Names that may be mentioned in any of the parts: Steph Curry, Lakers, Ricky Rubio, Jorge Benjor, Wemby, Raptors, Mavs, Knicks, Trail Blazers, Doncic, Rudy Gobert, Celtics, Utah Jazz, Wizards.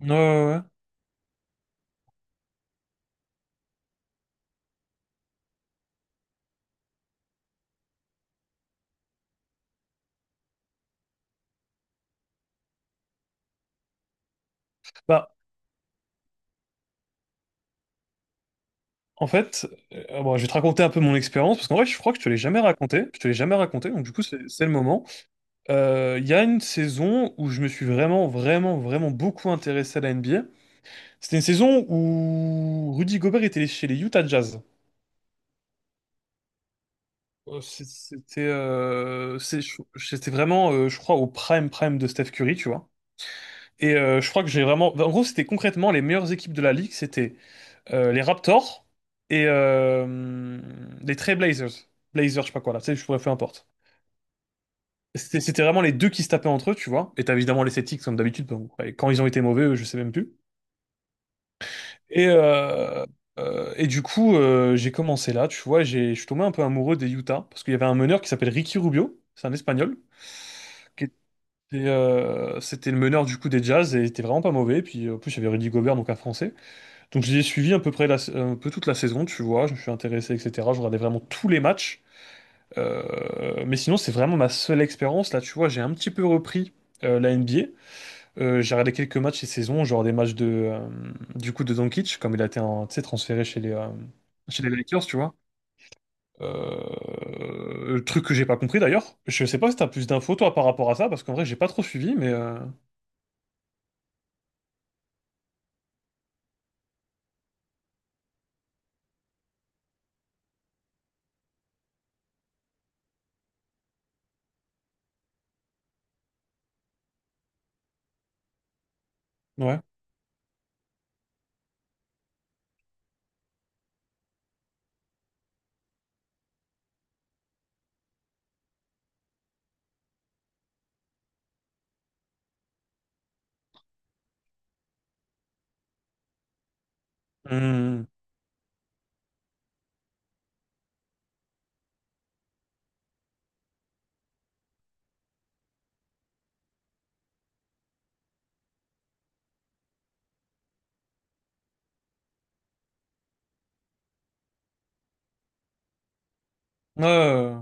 Ouais, ouais, ouais. Bah, en fait, bon, je vais te raconter un peu mon expérience, parce qu'en vrai, je crois que je te l'ai jamais raconté. Je te l'ai jamais raconté, donc du coup, c'est le moment. Il y a une saison où je me suis vraiment, vraiment, vraiment beaucoup intéressé à la NBA. C'était une saison où Rudy Gobert était chez les Utah Jazz. C'était vraiment, je crois, au prime de Steph Curry, tu vois. Et je crois que j'ai vraiment... En gros, c'était concrètement les meilleures équipes de la ligue. C'était les Raptors et les Trail Blazers. Blazers, je sais pas quoi là, tu sais, je pourrais peu importe. C'était vraiment les deux qui se tapaient entre eux, tu vois. Et t'as évidemment les Celtics comme d'habitude, donc, ouais, quand ils ont été mauvais, eux, je sais même plus. Et, euh, et du coup, j'ai commencé là, tu vois, je suis tombé un peu amoureux des Utah, parce qu'il y avait un meneur qui s'appelle Ricky Rubio, c'est un Espagnol, qui était, c'était le meneur du coup des Jazz, et il était vraiment pas mauvais. Puis en plus, il y avait Rudy Gobert, donc un Français. Donc j'ai suivi à peu près un peu toute la saison, tu vois, je me suis intéressé, etc. Je regardais vraiment tous les matchs. Mais sinon, c'est vraiment ma seule expérience. Là, tu vois, j'ai un petit peu repris la NBA. J'ai regardé quelques matchs cette saison, genre des matchs de, du coup de Doncic, comme il a été tu sais, transféré chez les Lakers, tu vois. Le truc que j'ai pas compris d'ailleurs. Je sais pas si t'as plus d'infos toi par rapport à ça, parce qu'en vrai, j'ai pas trop suivi, mais ouais. Hmm. Ouais, ouais, ouais.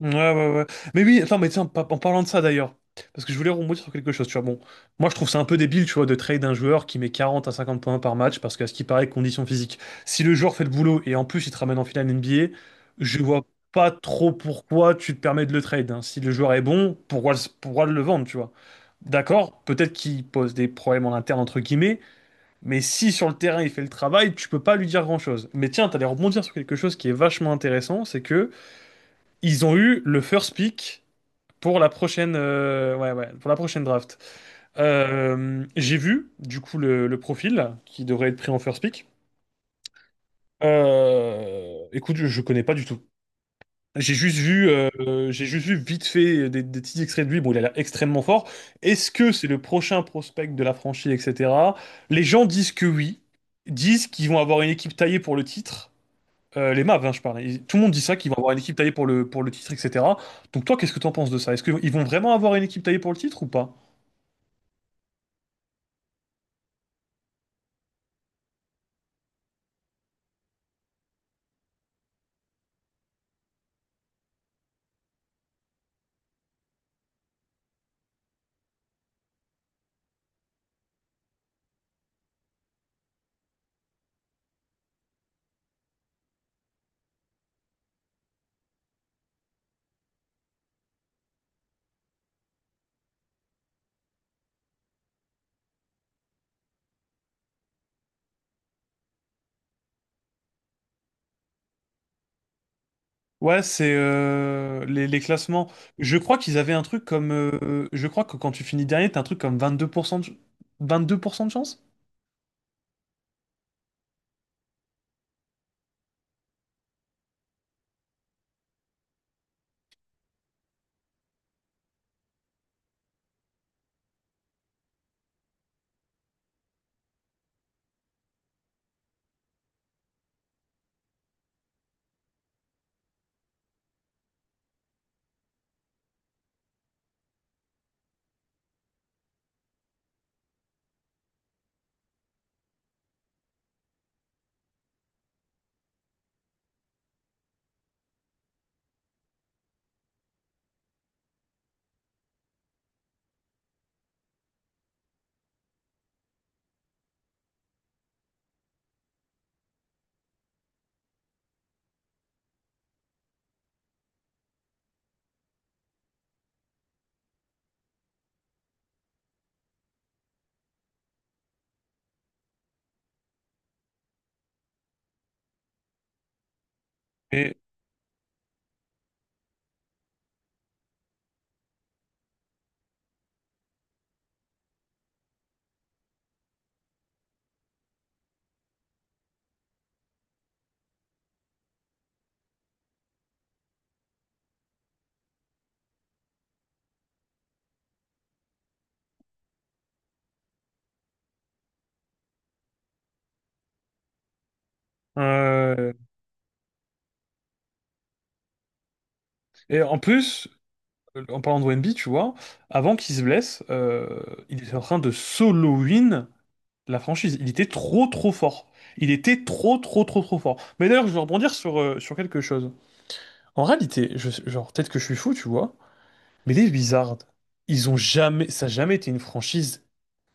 Ouais, ouais, ouais. Mais oui, attends, mais tiens, en parlant de ça d'ailleurs, parce que je voulais rebondir sur quelque chose, tu vois. Bon, moi je trouve ça un peu débile, tu vois, de trade un joueur qui met 40 à 50 points par match, parce qu'à ce qui paraît, condition physique. Si le joueur fait le boulot et en plus il te ramène en finale NBA, je vois pas trop pourquoi tu te permets de le trade, hein. Si le joueur est bon, pourquoi, pourquoi le vendre, tu vois? D'accord, peut-être qu'il pose des problèmes en interne, entre guillemets, mais si sur le terrain il fait le travail, tu peux pas lui dire grand-chose. Mais tiens, t'allais rebondir sur quelque chose qui est vachement intéressant, c'est que. Ils ont eu le first pick pour la prochaine, ouais, ouais, pour la prochaine draft. J'ai vu, du coup, le profil qui devrait être pris en first pick. Écoute, je connais pas du tout. J'ai juste vu vite fait des petits extraits de lui. Bon, il a l'air extrêmement fort. Est-ce que c'est le prochain prospect de la franchise, etc. Les gens disent que oui, disent qu'ils vont avoir une équipe taillée pour le titre. Les Mavs, hein, je parlais. Tout le monde dit ça, qu'ils vont avoir une équipe taillée pour le titre, etc. Donc toi, qu'est-ce que t'en penses de ça? Est-ce qu'ils vont vraiment avoir une équipe taillée pour le titre ou pas? Ouais, c'est les classements. Je crois qu'ils avaient un truc comme... je crois que quand tu finis dernier, t'as un truc comme 22% de chance. Et, euh, et en plus, en parlant de Wemby, tu vois, avant qu'il se blesse, il était en train de solo win la franchise, il était trop fort. Il était trop fort. Mais d'ailleurs, je vais rebondir sur, sur quelque chose. En réalité, genre, peut-être que je suis fou, tu vois, mais les Wizards, ils ont jamais, ça a jamais été une franchise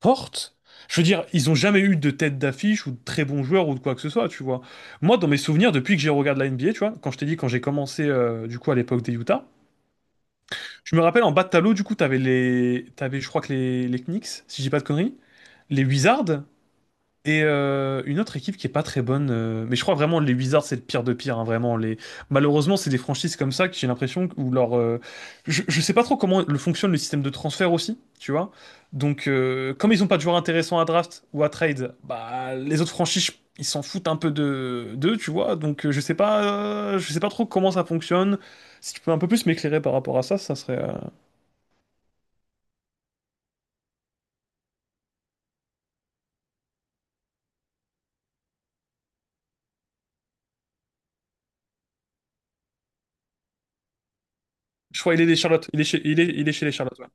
forte. Je veux dire, ils ont jamais eu de tête d'affiche ou de très bons joueurs ou de quoi que ce soit, tu vois. Moi, dans mes souvenirs, depuis que j'ai regardé la NBA, tu vois, quand je t'ai dit quand j'ai commencé, du coup, à l'époque des Utah, je me rappelle en bas de tableau, du coup, t'avais, je crois que les Knicks, si je dis pas de conneries, les Wizards. Et une autre équipe qui est pas très bonne, mais je crois vraiment les Wizards c'est le pire de pire, hein, vraiment les. Malheureusement c'est des franchises comme ça que j'ai l'impression où leur, je sais pas trop comment le fonctionne le système de transfert aussi, tu vois. Donc comme ils ont pas de joueurs intéressants à draft ou à trade, bah les autres franchises ils s'en foutent un peu de d'eux, tu vois. Donc je sais pas trop comment ça fonctionne. Si tu peux un peu plus m'éclairer par rapport à ça, ça serait. Je crois il est des Charlotte, il est chez les Charlotte. Ouais,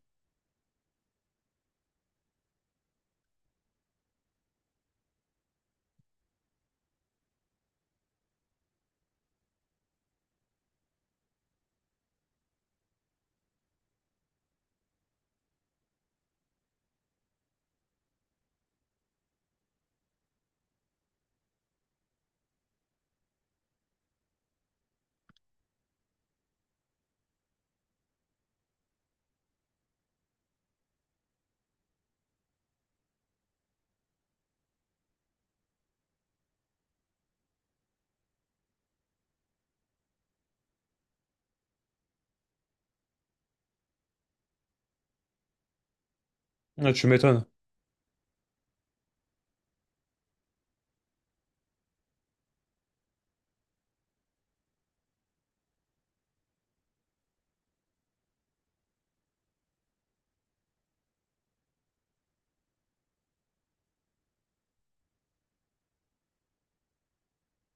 ouais, tu m'étonnes.